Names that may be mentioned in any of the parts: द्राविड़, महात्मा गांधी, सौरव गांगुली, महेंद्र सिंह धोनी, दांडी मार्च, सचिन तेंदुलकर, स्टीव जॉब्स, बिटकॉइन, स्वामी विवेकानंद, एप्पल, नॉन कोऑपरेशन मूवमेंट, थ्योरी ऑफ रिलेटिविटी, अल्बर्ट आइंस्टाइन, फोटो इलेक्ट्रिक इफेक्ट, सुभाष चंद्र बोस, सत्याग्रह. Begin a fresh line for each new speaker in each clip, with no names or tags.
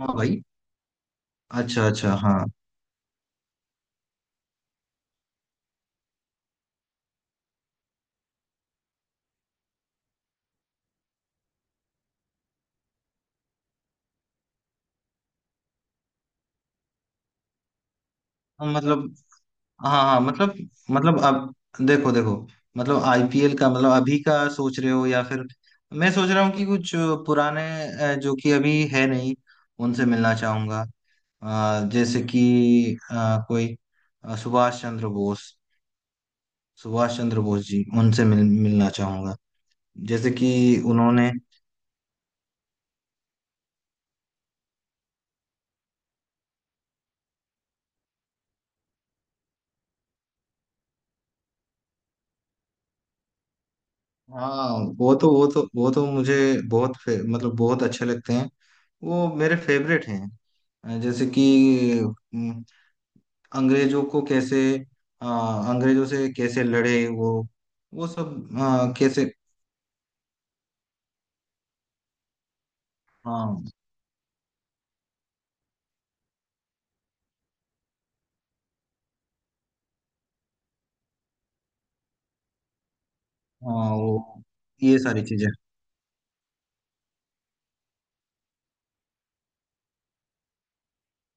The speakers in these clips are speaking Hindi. हाँ भाई। अच्छा अच्छा हाँ। हाँ, मतलब। हाँ हाँ मतलब। मतलब अब देखो देखो। मतलब आईपीएल का मतलब अभी का सोच रहे हो या फिर मैं सोच रहा हूँ कि कुछ पुराने, जो कि अभी है नहीं, उनसे मिलना चाहूंगा। जैसे कि अ, कोई सुभाष चंद्र बोस। सुभाष चंद्र बोस जी, उनसे मिलना चाहूंगा। जैसे कि उन्होंने। हाँ, वो तो मुझे मतलब बहुत अच्छे लगते हैं। वो मेरे फेवरेट हैं। जैसे कि अम, अंग्रेजों को कैसे, अ, अंग्रेजों से कैसे लड़े वो सब कैसे। अ, अ, वो, ये सारी चीजें।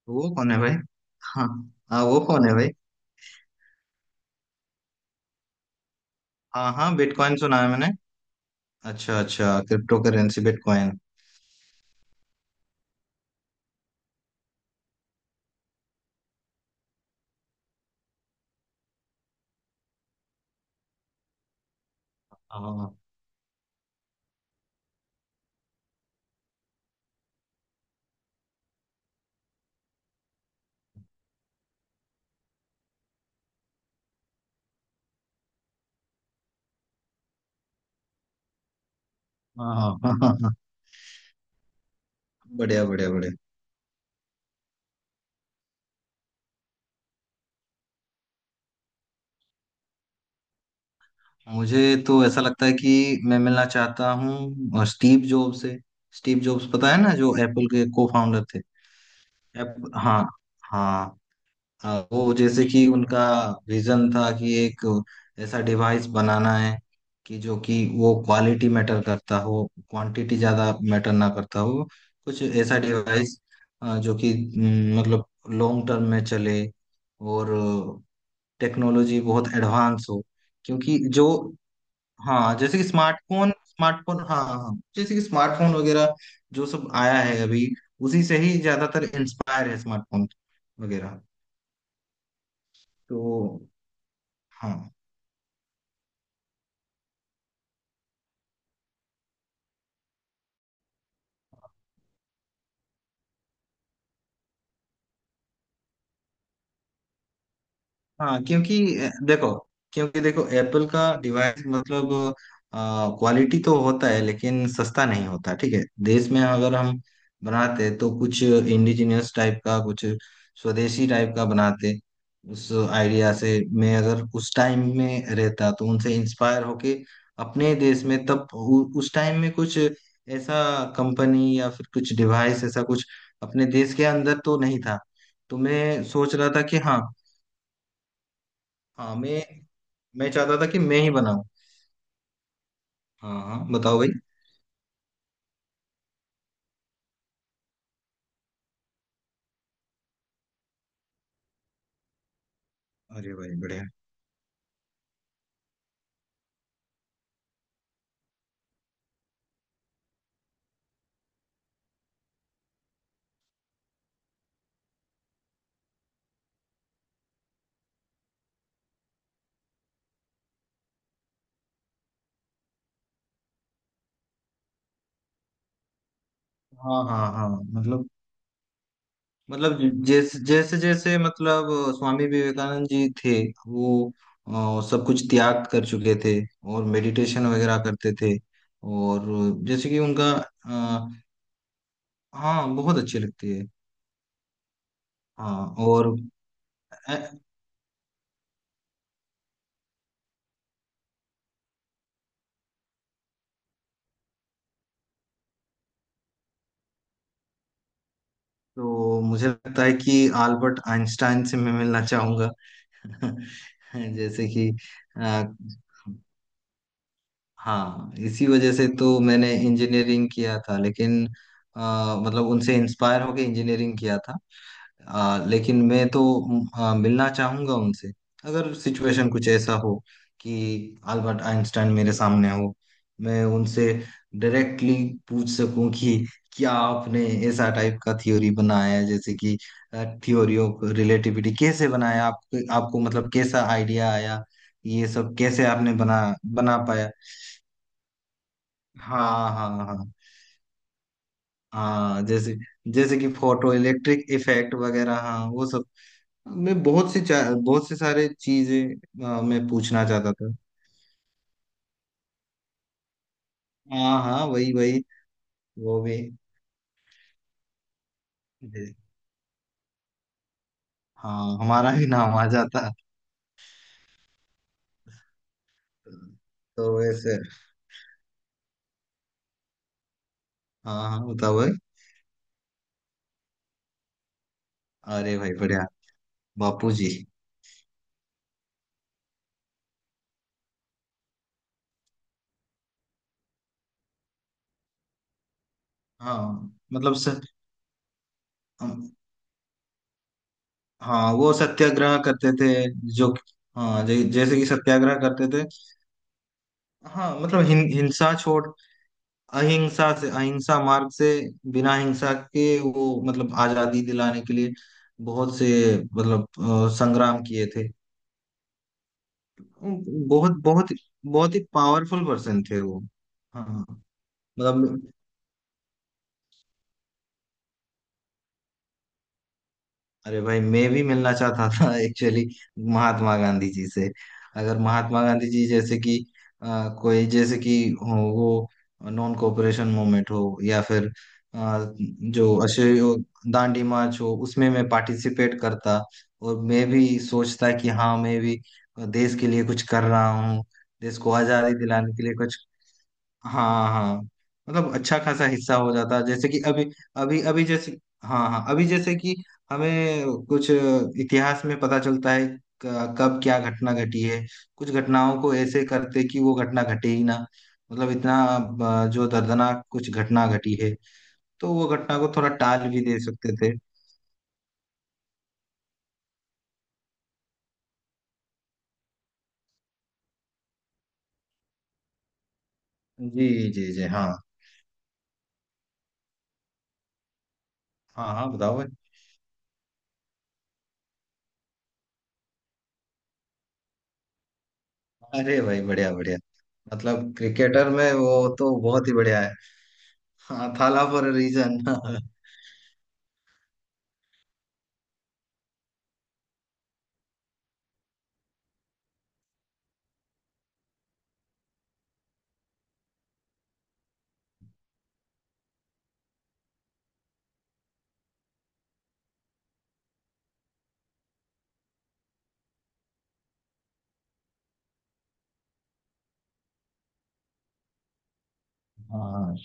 वो कौन है भाई? हाँ, हाँ वो कौन है भाई? हाँ हाँ, बिटकॉइन सुना है मैंने। अच्छा अच्छा, क्रिप्टो करेंसी बिटकॉइन। हाँ हाँ। हाँ, हाँ, हाँ, हाँ। बढ़िया बढ़िया बढ़िया। मुझे तो ऐसा लगता है कि मैं मिलना चाहता हूँ स्टीव जॉब से। स्टीव जॉब्स, पता है ना, जो एप्पल के को फाउंडर थे। अब हाँ। हाँ। वो जैसे कि उनका विजन था कि एक ऐसा डिवाइस बनाना है कि जो कि वो क्वालिटी मैटर करता हो, क्वांटिटी ज्यादा मैटर ना करता हो। कुछ ऐसा डिवाइस जो कि मतलब लॉन्ग टर्म में चले, और टेक्नोलॉजी बहुत एडवांस हो। क्योंकि जो, हाँ जैसे कि स्मार्टफोन, स्मार्टफोन। हाँ हाँ, जैसे कि स्मार्टफोन वगैरह जो सब आया है अभी, उसी से ही ज्यादातर इंस्पायर है स्मार्टफोन वगैरह। तो हाँ हाँ। क्योंकि देखो, क्योंकि देखो एप्पल का डिवाइस मतलब क्वालिटी तो होता है लेकिन सस्ता नहीं होता, ठीक है। देश में अगर हम बनाते हैं, तो कुछ इंडिजिनियस टाइप का, कुछ स्वदेशी टाइप का बनाते। उस आइडिया से, मैं अगर उस टाइम में रहता तो उनसे इंस्पायर होके अपने देश में तब उस टाइम में कुछ ऐसा कंपनी या फिर कुछ डिवाइस ऐसा कुछ अपने देश के अंदर तो नहीं था। तो मैं सोच रहा था कि हाँ। हाँ, मैं चाहता था कि मैं ही बनाऊं। हाँ हाँ बताओ भाई। अरे भाई बढ़िया। हाँ हाँ हाँ। मतलब। मतलब, जैसे जैसे जैसे मतलब स्वामी विवेकानंद जी थे वो, सब कुछ त्याग कर चुके थे और मेडिटेशन वगैरह करते थे, और जैसे कि उनका। अ, हाँ बहुत अच्छी लगती है। हाँ और अ, तो मुझे लगता है कि अल्बर्ट आइंस्टाइन से मैं मिलना चाहूंगा। जैसे कि अ, हाँ, इसी वजह से तो मैंने इंजीनियरिंग किया था, लेकिन मतलब उनसे इंस्पायर होके इंजीनियरिंग किया था। लेकिन मैं तो मिलना चाहूंगा उनसे। अगर सिचुएशन कुछ ऐसा हो कि अल्बर्ट आइंस्टाइन मेरे सामने हो, मैं उनसे डायरेक्टली पूछ सकूं कि क्या आपने ऐसा टाइप का थ्योरी बनाया है, जैसे कि थ्योरी ऑफ रिलेटिविटी कैसे बनाया, आपको आपको मतलब कैसा आइडिया आया, ये सब कैसे आपने बना, बना पाया। हाँ हाँ हाँ। हाँ जैसे, जैसे कि फोटो इलेक्ट्रिक इफेक्ट वगैरह, हाँ वो सब। मैं बहुत से सारे चीजें मैं पूछना चाहता था। हाँ हाँ वही वही, वो भी। जी। हाँ, हमारा भी नाम आ जाता। तो वैसे। हाँ हाँ बताओ भाई। अरे भाई बढ़िया। बापू जी। हाँ, मतलब सर। हाँ, वो सत्याग्रह करते थे जो। हाँ जैसे कि सत्याग्रह करते थे। हाँ मतलब हिंसा छोड़, अहिंसा से, अहिंसा मार्ग से, बिना हिंसा के वो मतलब आजादी दिलाने के लिए बहुत से मतलब संग्राम किए थे। बहुत बहुत बहुत ही पावरफुल पर्सन थे वो। हाँ मतलब। अरे भाई मैं भी मिलना चाहता था एक्चुअली, महात्मा गांधी जी से। अगर महात्मा गांधी जी जैसे कि अ, कोई, जैसे कि हो, वो नॉन कोऑपरेशन मूवमेंट हो या फिर अ, जो अशोक दांडी मार्च हो, उसमें मैं पार्टिसिपेट करता और मैं भी सोचता कि हाँ, मैं भी देश के लिए कुछ कर रहा हूँ, देश को आजादी दिलाने के लिए कुछ। हाँ हाँ मतलब अच्छा खासा हिस्सा हो जाता है। जैसे कि अभी, अभी अभी जैसे, हाँ हाँ, अभी जैसे कि हमें कुछ इतिहास में पता चलता है, कब क्या घटना घटी है, कुछ घटनाओं को ऐसे करते कि वो घटना घटे ही ना। मतलब इतना जो दर्दनाक कुछ घटना घटी है, तो वो घटना को थोड़ा टाल भी दे सकते थे। जी जी जी। हाँ हाँ हाँ बताओ भाई। अरे भाई बढ़िया बढ़िया। मतलब क्रिकेटर में वो तो बहुत ही बढ़िया है। हाँ, थाला फॉर रीजन। हाँ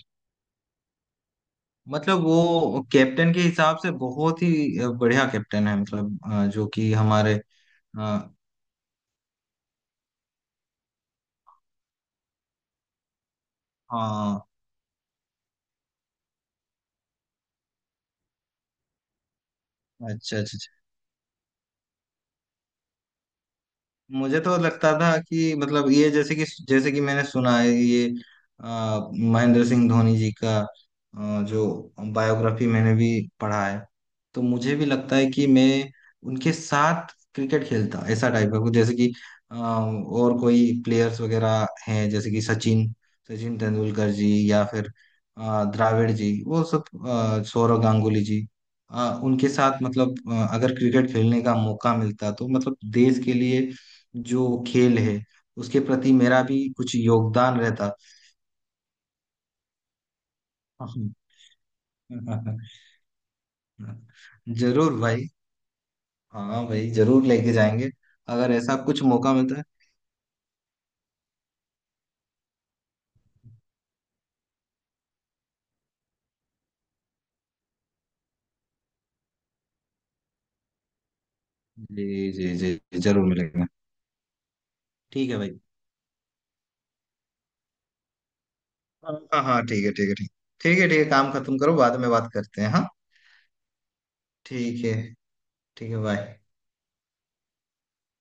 मतलब वो कैप्टन के हिसाब से बहुत ही बढ़िया कैप्टन है, मतलब जो कि हमारे अ, हाँ। अच्छा अच्छा अच्छा। मुझे तो लगता था कि मतलब ये जैसे कि, जैसे कि मैंने सुना है ये महेंद्र सिंह धोनी जी का जो बायोग्राफी मैंने भी पढ़ा है। तो मुझे भी लगता है कि मैं उनके साथ क्रिकेट खेलता, ऐसा टाइप का कुछ। जैसे कि और कोई प्लेयर्स वगैरह हैं, जैसे कि सचिन, सचिन तेंदुलकर जी, या फिर द्राविड़ जी, वो सब सौरव गांगुली जी, उनके साथ मतलब अगर क्रिकेट खेलने का मौका मिलता तो मतलब देश के लिए जो खेल है उसके प्रति मेरा भी कुछ योगदान रहता। हाँ, जरूर भाई। हाँ भाई, जरूर लेके जाएंगे अगर ऐसा कुछ मौका मिलता है। जी जी जी जी, जरूर मिलेगा। ठीक है भाई। हाँ हाँ हाँ, ठीक है ठीक है ठीक। ठीक है ठीक है, काम खत्म करो, बाद में बात करते हैं। हाँ ठीक है। ठीक है बाय।